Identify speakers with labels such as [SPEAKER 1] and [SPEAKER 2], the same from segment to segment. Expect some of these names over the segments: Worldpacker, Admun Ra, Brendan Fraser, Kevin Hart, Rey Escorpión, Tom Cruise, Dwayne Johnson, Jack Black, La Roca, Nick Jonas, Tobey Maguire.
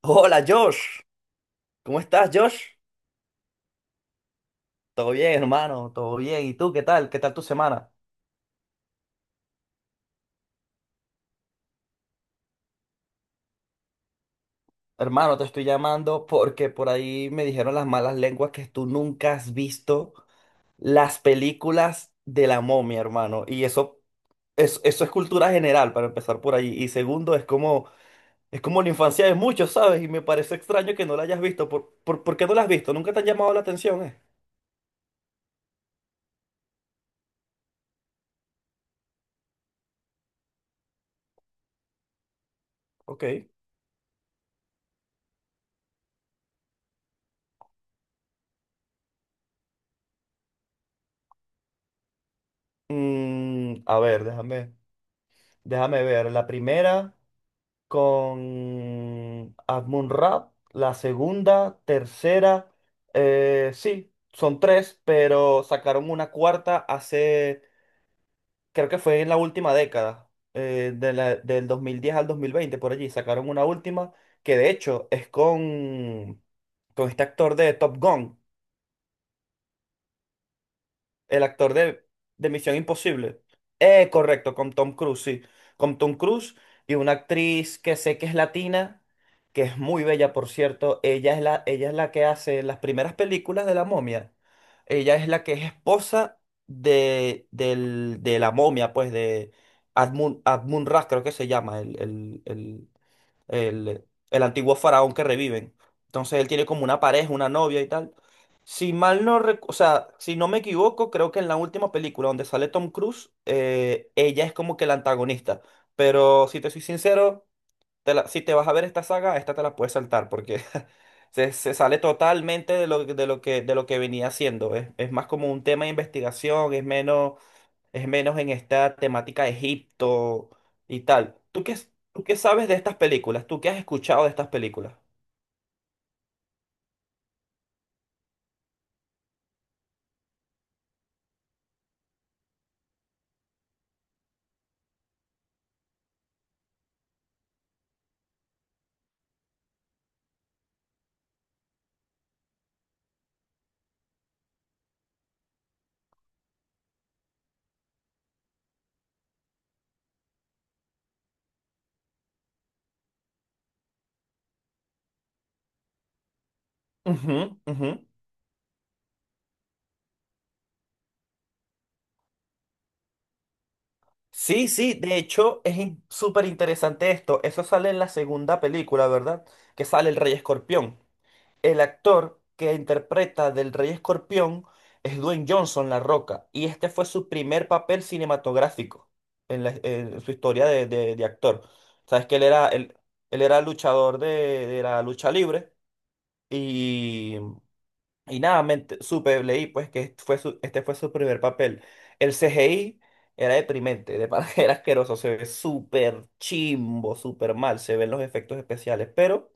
[SPEAKER 1] Hola Josh, ¿cómo estás Josh? Todo bien, hermano, todo bien. ¿Y tú qué tal? ¿Qué tal tu semana? Hermano, te estoy llamando porque por ahí me dijeron las malas lenguas que tú nunca has visto las películas de la momia, hermano. Y eso es cultura general, para empezar por ahí. Y segundo, es como la infancia de muchos, ¿sabes? Y me parece extraño que no la hayas visto. ¿Por qué no la has visto? ¿Nunca te han llamado la atención, Ok. A ver, déjame ver. La primera con Rap, la segunda, tercera, sí, son tres, pero sacaron una cuarta hace, creo que fue en la última década, del 2010 al 2020 por allí. Sacaron una última que de hecho es con este actor de Top Gun. El actor de Misión Imposible. Correcto, con Tom Cruise, sí. Con Tom Cruise y una actriz que sé que es latina, que es muy bella, por cierto. Ella es la que hace las primeras películas de la momia. Ella es la que es esposa de la momia, pues de Admun, Admun Ra, creo que se llama, el, el, el antiguo faraón que reviven. Entonces él tiene como una pareja, una novia y tal. Si mal no, rec- O sea, si no me equivoco, creo que en la última película donde sale Tom Cruise, ella es como que la antagonista. Pero si te soy sincero, si te vas a ver esta saga, esta te la puedes saltar porque se sale totalmente de de lo que venía haciendo. Es más como un tema de investigación, es menos en esta temática de Egipto y tal. Tú qué sabes de estas películas? ¿Tú qué has escuchado de estas películas? Ujú, ujú. Sí, sí, de hecho súper interesante esto. Eso sale en la segunda película, ¿verdad? Que sale el Rey Escorpión. El actor que interpreta del Rey Escorpión es Dwayne Johnson, La Roca, y este fue su primer papel cinematográfico en su historia de actor. Sabes que él, él era luchador de la lucha libre. Y, y nada, me ent- Supe, leí pues que este fue su primer papel. El CGI era deprimente, de para era asqueroso, se ve súper chimbo, súper mal, se ven los efectos especiales, pero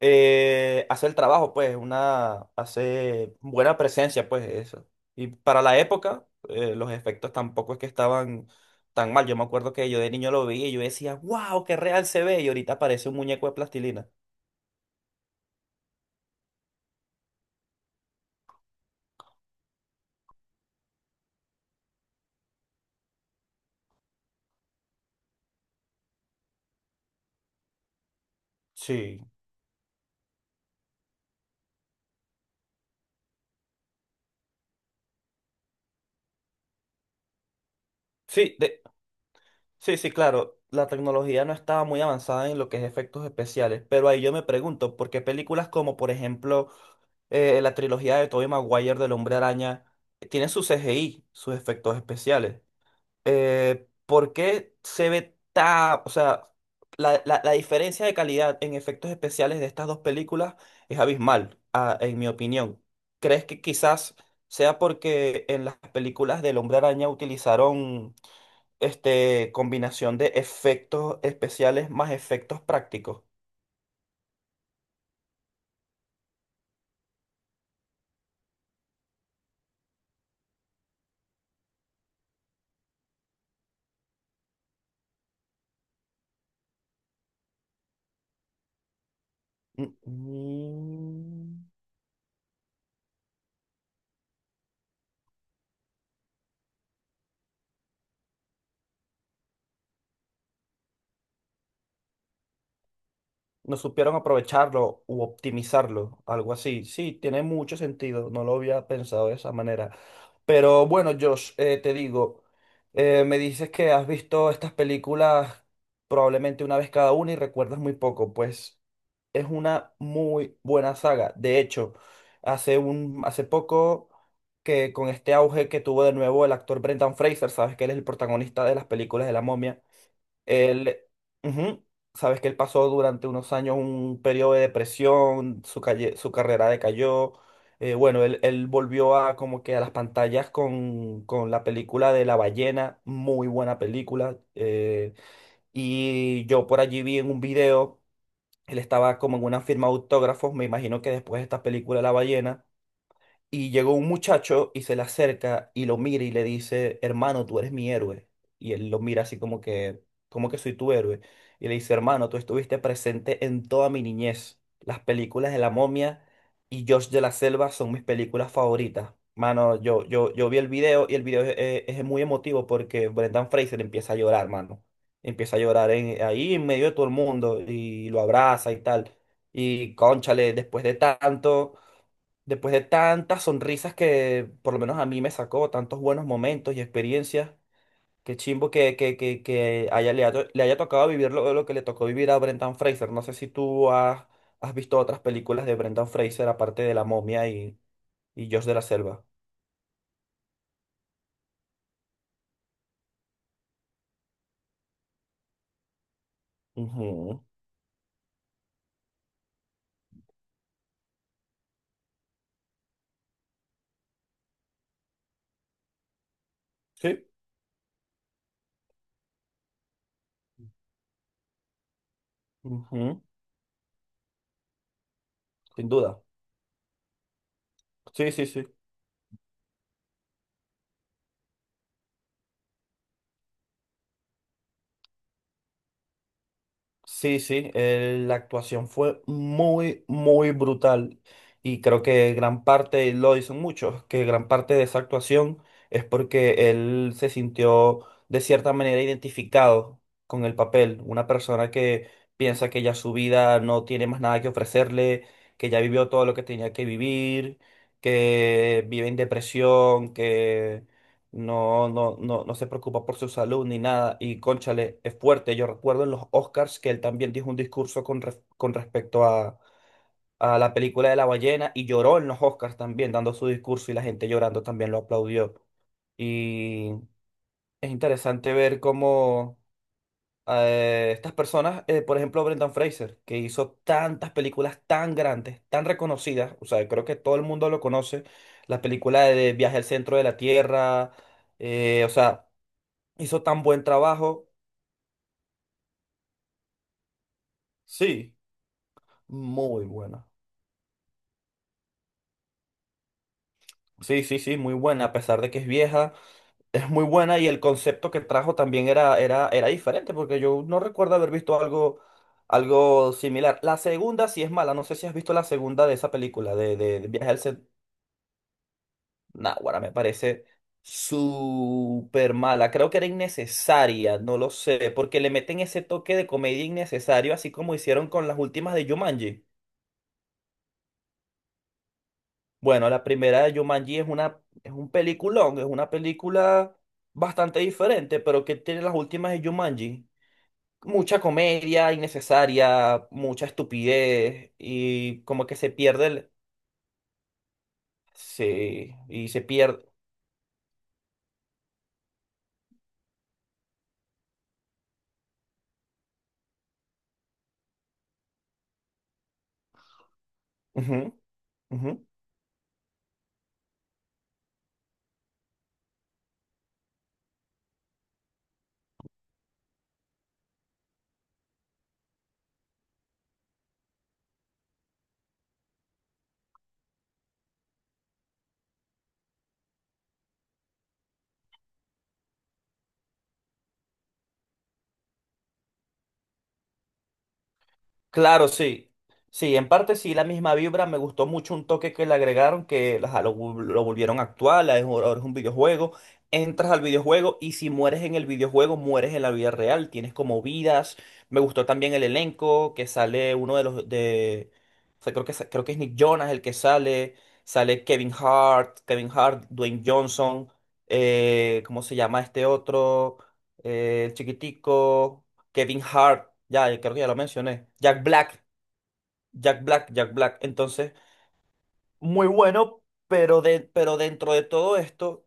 [SPEAKER 1] hace el trabajo, pues, hace buena presencia, pues, eso. Y para la época, los efectos tampoco es que estaban tan mal. Yo me acuerdo que yo de niño lo vi y yo decía, wow, qué real se ve, y ahorita parece un muñeco de plastilina. Sí, sí, de, Sí, sí, claro, la tecnología no estaba muy avanzada en lo que es efectos especiales, pero ahí yo me pregunto, ¿por qué películas como, por ejemplo, la trilogía de Tobey Maguire del Hombre Araña tiene su CGI, sus efectos especiales? ¿Por qué se ve tan, o sea, la diferencia de calidad en efectos especiales de estas dos películas es abismal, en mi opinión? ¿Crees que quizás sea porque en las películas del Hombre Araña utilizaron combinación de efectos especiales más efectos prácticos? Mm, mm. No supieron aprovecharlo u optimizarlo, algo así. Sí, tiene mucho sentido, no lo había pensado de esa manera. Pero bueno, Josh, te digo, me dices que has visto estas películas probablemente una vez cada una y recuerdas muy poco, pues es una muy buena saga. De hecho, hace poco que con este auge que tuvo de nuevo el actor Brendan Fraser, sabes que él es el protagonista de las películas de la momia. él, Ujú, sabes que él pasó durante unos años un periodo de depresión. Su carrera decayó. Él volvió a como que a las pantallas con la película de La Ballena, muy buena película. Y yo por allí vi en un video, él estaba como en una firma de autógrafos, me imagino que después de esta película La Ballena. Y llegó un muchacho y se le acerca y lo mira y le dice, hermano, tú eres mi héroe. Y él lo mira así como que soy tu héroe. Y le dice, hermano, tú estuviste presente en toda mi niñez. Las películas de La Momia y Josh de la Selva son mis películas favoritas. Mano, yo vi el video y el video es muy emotivo porque Brendan Fraser empieza a llorar, mano. Empieza a llorar ahí en medio de todo el mundo y lo abraza y tal. Y cónchale, después de tanto. Después de tantas sonrisas que por lo menos a mí me sacó, tantos buenos momentos y experiencias, qué chimbo que le haya tocado vivir lo que le tocó vivir a Brendan Fraser. No sé si has visto otras películas de Brendan Fraser aparte de La Momia y Josh de la Selva. Ujú. Sí, ujú. Sin duda. Sí, sí, sí. Sí, sí, la actuación fue muy, muy brutal y creo que gran parte, lo dicen muchos, que gran parte de esa actuación es porque él se sintió de cierta manera identificado con el papel, una persona que piensa que ya su vida no tiene más nada que ofrecerle, que ya vivió todo lo que tenía que vivir, que vive en depresión, no se preocupa por su salud ni nada. Y cónchale, es fuerte. Yo recuerdo en los Oscars que él también dijo un discurso con respecto a la película de la ballena y lloró en los Oscars también, dando su discurso y la gente llorando también lo aplaudió. Y es interesante ver cómo estas personas, por ejemplo, Brendan Fraser, que hizo tantas películas tan grandes, tan reconocidas, o sea, creo que todo el mundo lo conoce, la película de Viaje al Centro de la Tierra, o sea. Hizo tan buen trabajo. Sí, muy buena. Sí, sí, sí, muy buena. A pesar de que es vieja, es muy buena y el concepto que trajo también era diferente, porque yo no recuerdo haber visto algo, algo similar. La segunda sí es mala. No sé si has visto la segunda de esa película, de Viaje al Centro. Náguara, me parece súper mala. Creo que era innecesaria, no lo sé, porque le meten ese toque de comedia innecesario, así como hicieron con las últimas de Jumanji. Bueno, la primera de Jumanji es un peliculón, es una película bastante diferente, pero que tiene las últimas de Jumanji. Mucha comedia innecesaria, mucha estupidez y como que se pierde el... Sí, y se pierde... Ujú, ujú. Claro, sí. Sí, en parte sí, la misma vibra. Me gustó mucho un toque que le agregaron, que ajá, lo volvieron actual. Ahora es un videojuego. Entras al videojuego y si mueres en el videojuego, mueres en la vida real. Tienes como vidas. Me gustó también el elenco, que sale uno de los de. O sea, creo creo que es Nick Jonas el que sale. Sale Kevin Hart, Dwayne Johnson. ¿Cómo se llama este otro? El chiquitico. Kevin Hart, ya creo que ya lo mencioné. Jack Black. Entonces, muy bueno, pero, pero dentro de todo esto,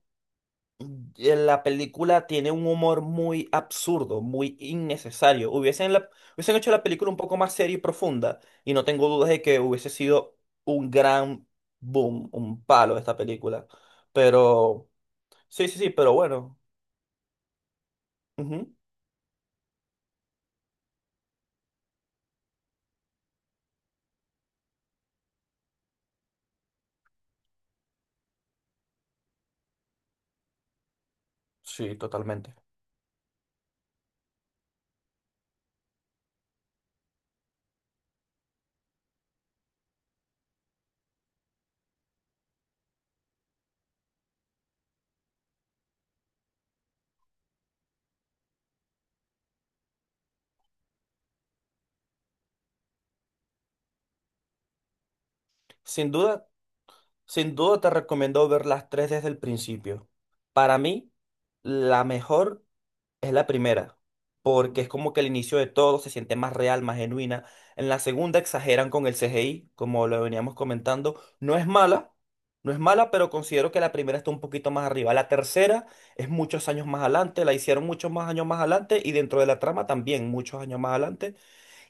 [SPEAKER 1] la película tiene un humor muy absurdo, muy innecesario. Hubiesen hecho la película un poco más seria y profunda, y no tengo dudas de que hubiese sido un gran boom, un palo esta película. Pero, sí, sí, sí, pero bueno. Ujú. Sí, totalmente. Sin duda. Sin duda te recomiendo ver las tres desde el principio. Para mí, la mejor es la primera, porque es como que el inicio de todo se siente más real, más genuina. En la segunda exageran con el CGI, como lo veníamos comentando. No es mala, no es mala, pero considero que la primera está un poquito más arriba. La tercera es muchos años más adelante, la hicieron muchos más años más adelante y dentro de la trama también muchos años más adelante.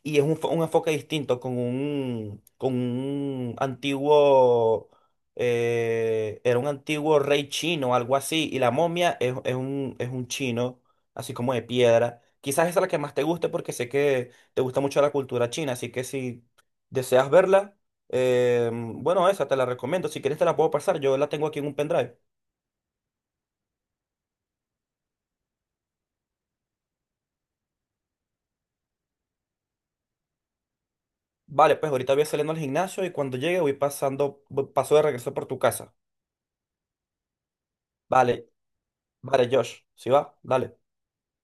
[SPEAKER 1] Y es un enfoque distinto con un antiguo, era un antiguo rey chino, algo así, y la momia es un chino, así como de piedra. Quizás esa es la que más te guste porque sé que te gusta mucho la cultura china, así que si deseas verla, bueno, esa te la recomiendo. Si quieres te la puedo pasar, yo la tengo aquí en un pendrive. Vale, pues ahorita voy saliendo al gimnasio y cuando llegue voy pasando, paso de regreso por tu casa. Vale, vale, Josh, ¿si va? Dale.